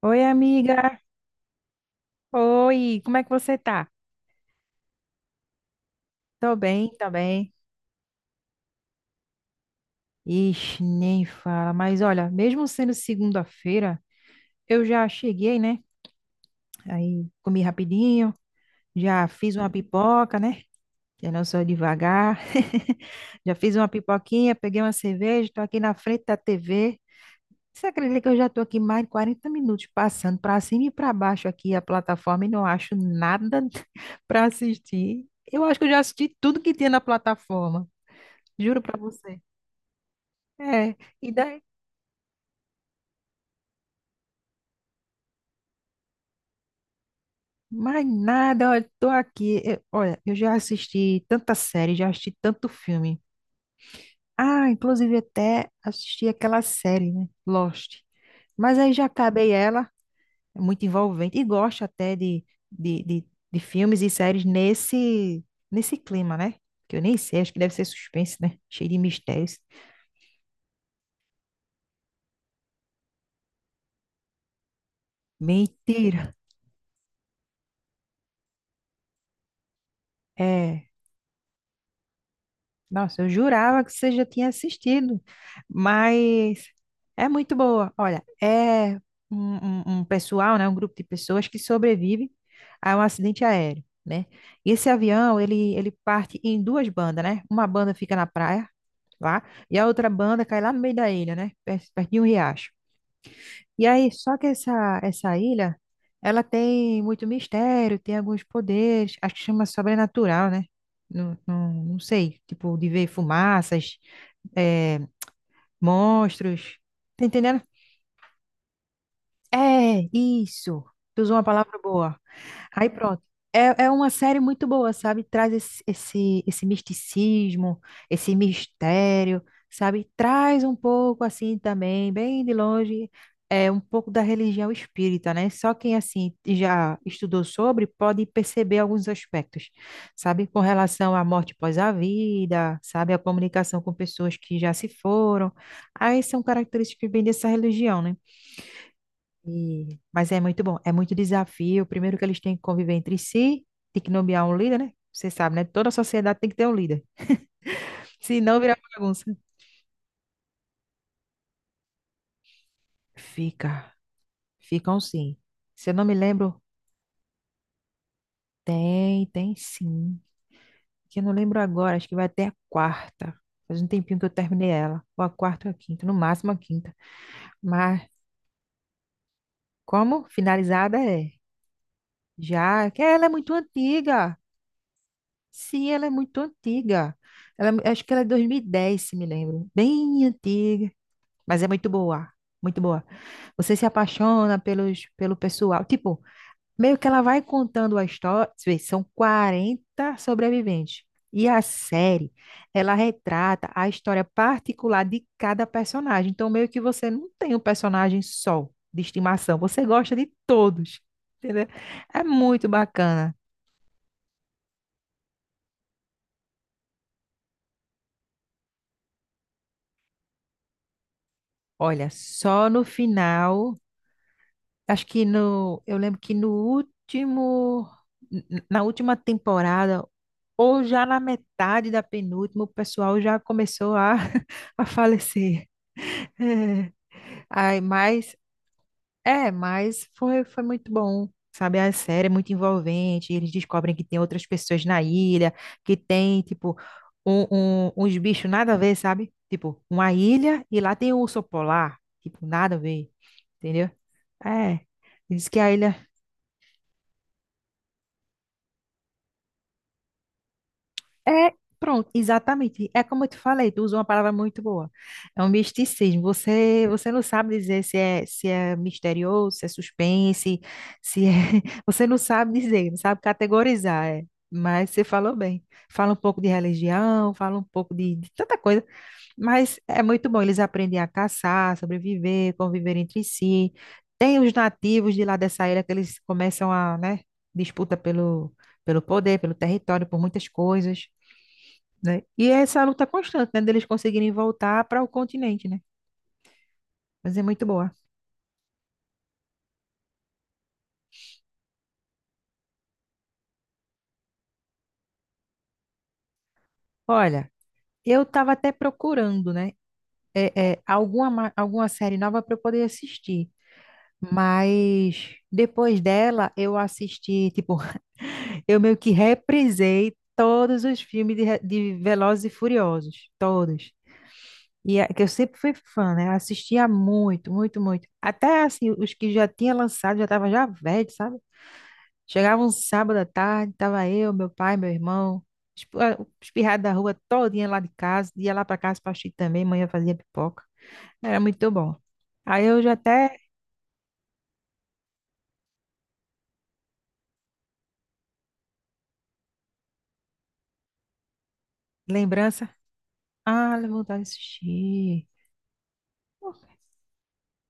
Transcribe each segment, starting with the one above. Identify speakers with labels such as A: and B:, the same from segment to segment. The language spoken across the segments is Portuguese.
A: Oi, amiga. Oi, como é que você tá? Tô bem, tô bem. Ixi, nem fala. Mas olha, mesmo sendo segunda-feira, eu já cheguei, né? Aí comi rapidinho, já fiz uma pipoca, né? Eu não sou devagar. Já fiz uma pipoquinha, peguei uma cerveja, tô aqui na frente da TV. Você acredita que eu já tô aqui mais de 40 minutos passando pra cima e pra baixo aqui a plataforma e não acho nada pra assistir? Eu acho que eu já assisti tudo que tinha na plataforma. Juro pra você. É, e daí? Mais nada, olha, tô aqui. Olha, eu já assisti tanta série, já assisti tanto filme. Ah, inclusive até assisti aquela série, né? Lost. Mas aí já acabei ela, é muito envolvente, e gosto até de, de, de filmes e séries nesse clima, né? Que eu nem sei, acho que deve ser suspense, né? Cheio de mistérios. Mentira! É. Nossa, eu jurava que você já tinha assistido, mas é muito boa. Olha, é um, um pessoal, né, um grupo de pessoas que sobrevive a um acidente aéreo, né? E esse avião, ele parte em duas bandas, né? Uma banda fica na praia, lá, e a outra banda cai lá no meio da ilha, né? Perto, perto de um riacho. E aí, só que essa ilha, ela tem muito mistério, tem alguns poderes, acho que chama sobrenatural, né? Não sei, tipo, de ver fumaças, eh, monstros, tá entendendo? É, isso, tu usou uma palavra boa. Aí pronto. É, é uma série muito boa, sabe? Traz esse misticismo, esse mistério, sabe? Traz um pouco assim também, bem de longe, é um pouco da religião espírita, né? Só quem assim já estudou sobre pode perceber alguns aspectos, sabe? Com relação à morte após a vida, sabe? A comunicação com pessoas que já se foram. Aí são características bem dessa religião, né? Mas é muito bom, é muito desafio. Primeiro que eles têm que conviver entre si, tem que nomear um líder, né? Você sabe, né? Toda sociedade tem que ter um líder. Se não, vira bagunça. Fica, ficam sim. Se eu não me lembro, tem, tem sim. Que eu não lembro agora, acho que vai até a quarta. Faz um tempinho que eu terminei ela. Ou a quarta ou a quinta, no máximo a quinta. Mas como finalizada é? Já, que ela é muito antiga. Sim, ela é muito antiga. Acho que ela é 2010, se me lembro. Bem antiga, mas é muito boa. Muito boa. Você se apaixona pelo pessoal. Tipo, meio que ela vai contando a história. Você vê, são 40 sobreviventes. E a série, ela retrata a história particular de cada personagem. Então, meio que você não tem um personagem só de estimação. Você gosta de todos. Entendeu? É muito bacana. Olha, só no final. Acho que no, eu lembro que no último, na última temporada, ou já na metade da penúltima, o pessoal já começou a falecer. É. Ai, mas, é, mas foi, foi muito bom, sabe? A série é muito envolvente, eles descobrem que tem outras pessoas na ilha, que tem, tipo, uns bichos nada a ver, sabe? Tipo, uma ilha e lá tem um urso polar, tipo, nada a ver, entendeu? É. Diz que a ilha é, pronto, exatamente. É como eu te falei, tu usa uma palavra muito boa. É um misticismo. Você não sabe dizer se é, se é misterioso, se é suspense, se é... Você não sabe dizer, não sabe categorizar, é. Mas você falou bem. Fala um pouco de religião, fala um pouco de tanta coisa, mas é muito bom. Eles aprendem a caçar, sobreviver, conviver entre si. Tem os nativos de lá dessa ilha que eles começam a, né, disputa pelo, pelo poder, pelo território, por muitas coisas né? E é essa luta constante, né, deles conseguirem voltar para o continente, né? Mas é muito boa. Olha, eu estava até procurando, né, alguma, alguma série nova para eu poder assistir, mas depois dela eu assisti, tipo, eu meio que reprisei todos os filmes de Velozes e Furiosos, todos. E é, que eu sempre fui fã, né? Assistia muito, muito, muito. Até assim, os que já tinha lançado já estavam já velhos, sabe? Chegava um sábado à tarde, tava eu, meu pai, meu irmão, espirrado da rua todinha lá de casa, ia lá para casa para assistir também, manhã fazia pipoca. Era muito bom. Aí eu já até lembrança, ah, vontade de assistir.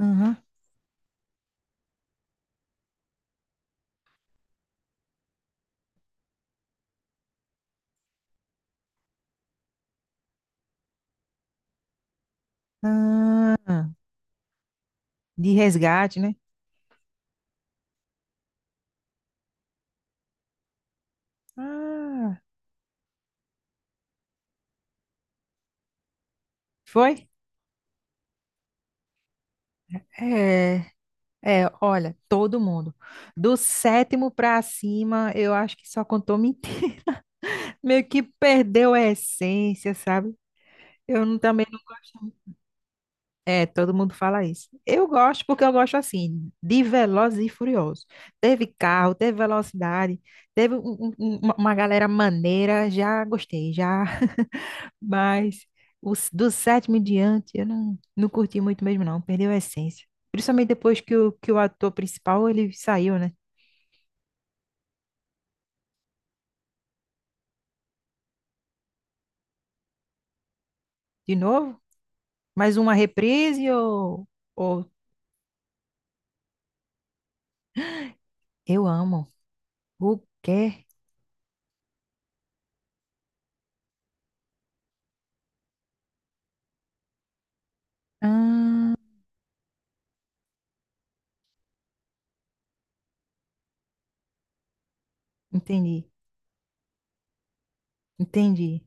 A: Aham. Ah, de resgate, né? Ah, foi? É, é, olha, todo mundo. Do sétimo pra cima, eu acho que só contou mentira. Meio que perdeu a essência, sabe? Eu não- também não gosto. É, todo mundo fala isso. Eu gosto porque eu gosto assim, de Velozes e Furiosos. Teve carro, teve velocidade, teve uma galera maneira, já gostei, já, mas os, do sétimo em diante eu não curti muito mesmo não, perdeu a essência. Principalmente depois que que o ator principal, ele saiu, né? De novo, mais uma reprise ou eu amo. O quê? Entendi, entendi.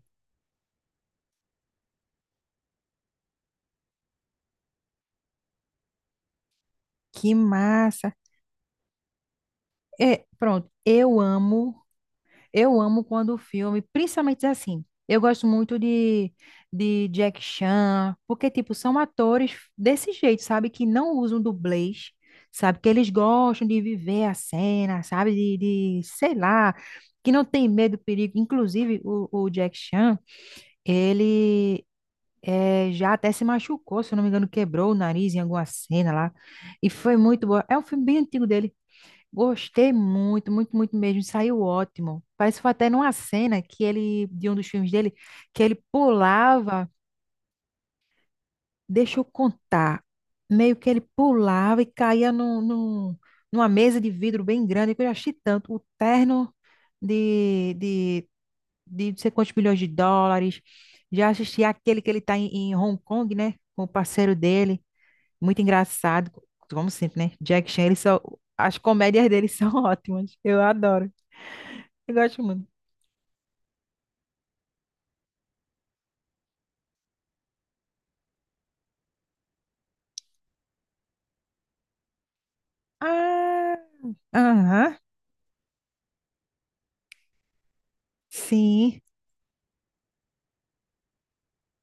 A: Que massa. É, pronto, eu amo. Eu amo quando o filme, principalmente assim, eu gosto muito de Jack Chan, porque, tipo, são atores desse jeito, sabe? Que não usam dublês, sabe? Que eles gostam de viver a cena, sabe? De sei lá, que não tem medo do perigo. Inclusive, o Jack Chan, ele já até se machucou, se eu não me engano, quebrou o nariz em alguma cena lá. E foi muito bom. É um filme bem antigo dele. Gostei muito, muito, muito mesmo. Saiu ótimo. Parece que foi até numa cena que ele, de um dos filmes dele, que ele pulava, deixa eu contar, meio que ele pulava e caía numa mesa de vidro bem grande, que eu já achei tanto. O terno de, de, de não sei quantos milhões de dólares. Já assisti aquele que ele tá em Hong Kong, né? Com o parceiro dele. Muito engraçado, como sempre, né? Jack Chan, ele só, as comédias dele são ótimas. Eu adoro. Eu gosto muito. Ah, aham, sim.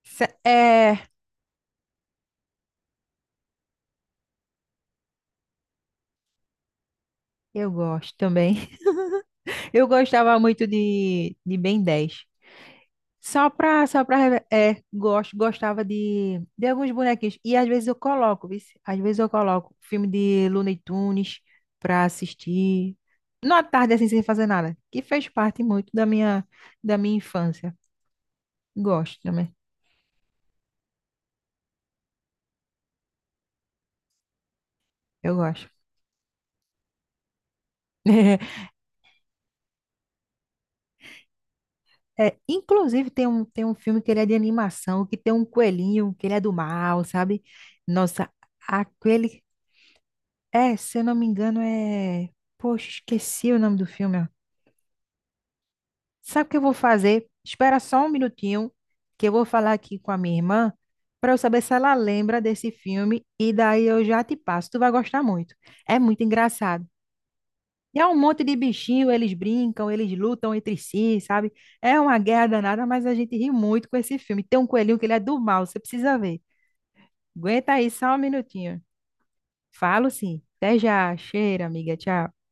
A: É, eu gosto também. Eu gostava muito de Ben 10. Só pra, reve- é, gosto, gostava de alguns bonequinhos. E às vezes eu coloco, viu? Às vezes eu coloco filme de Looney Tunes pra assistir. Numa tarde assim, sem fazer nada. Que fez parte muito da minha infância. Gosto também, eu gosto. É, inclusive tem um filme que ele é de animação, que tem um coelhinho, que ele é do mal, sabe? Nossa, aquele. É, se eu não me engano, é. Poxa, esqueci o nome do filme. Ó. Sabe o que eu vou fazer? Espera só um minutinho, que eu vou falar aqui com a minha irmã, para eu saber se ela lembra desse filme, e daí eu já te passo. Tu vai gostar muito. É muito engraçado. E é um monte de bichinho, eles brincam, eles lutam entre si, sabe? É uma guerra danada, mas a gente ri muito com esse filme. Tem um coelhinho que ele é do mal, você precisa ver. Aguenta aí só um minutinho. Falo sim. Até já. Cheira, amiga. Tchau.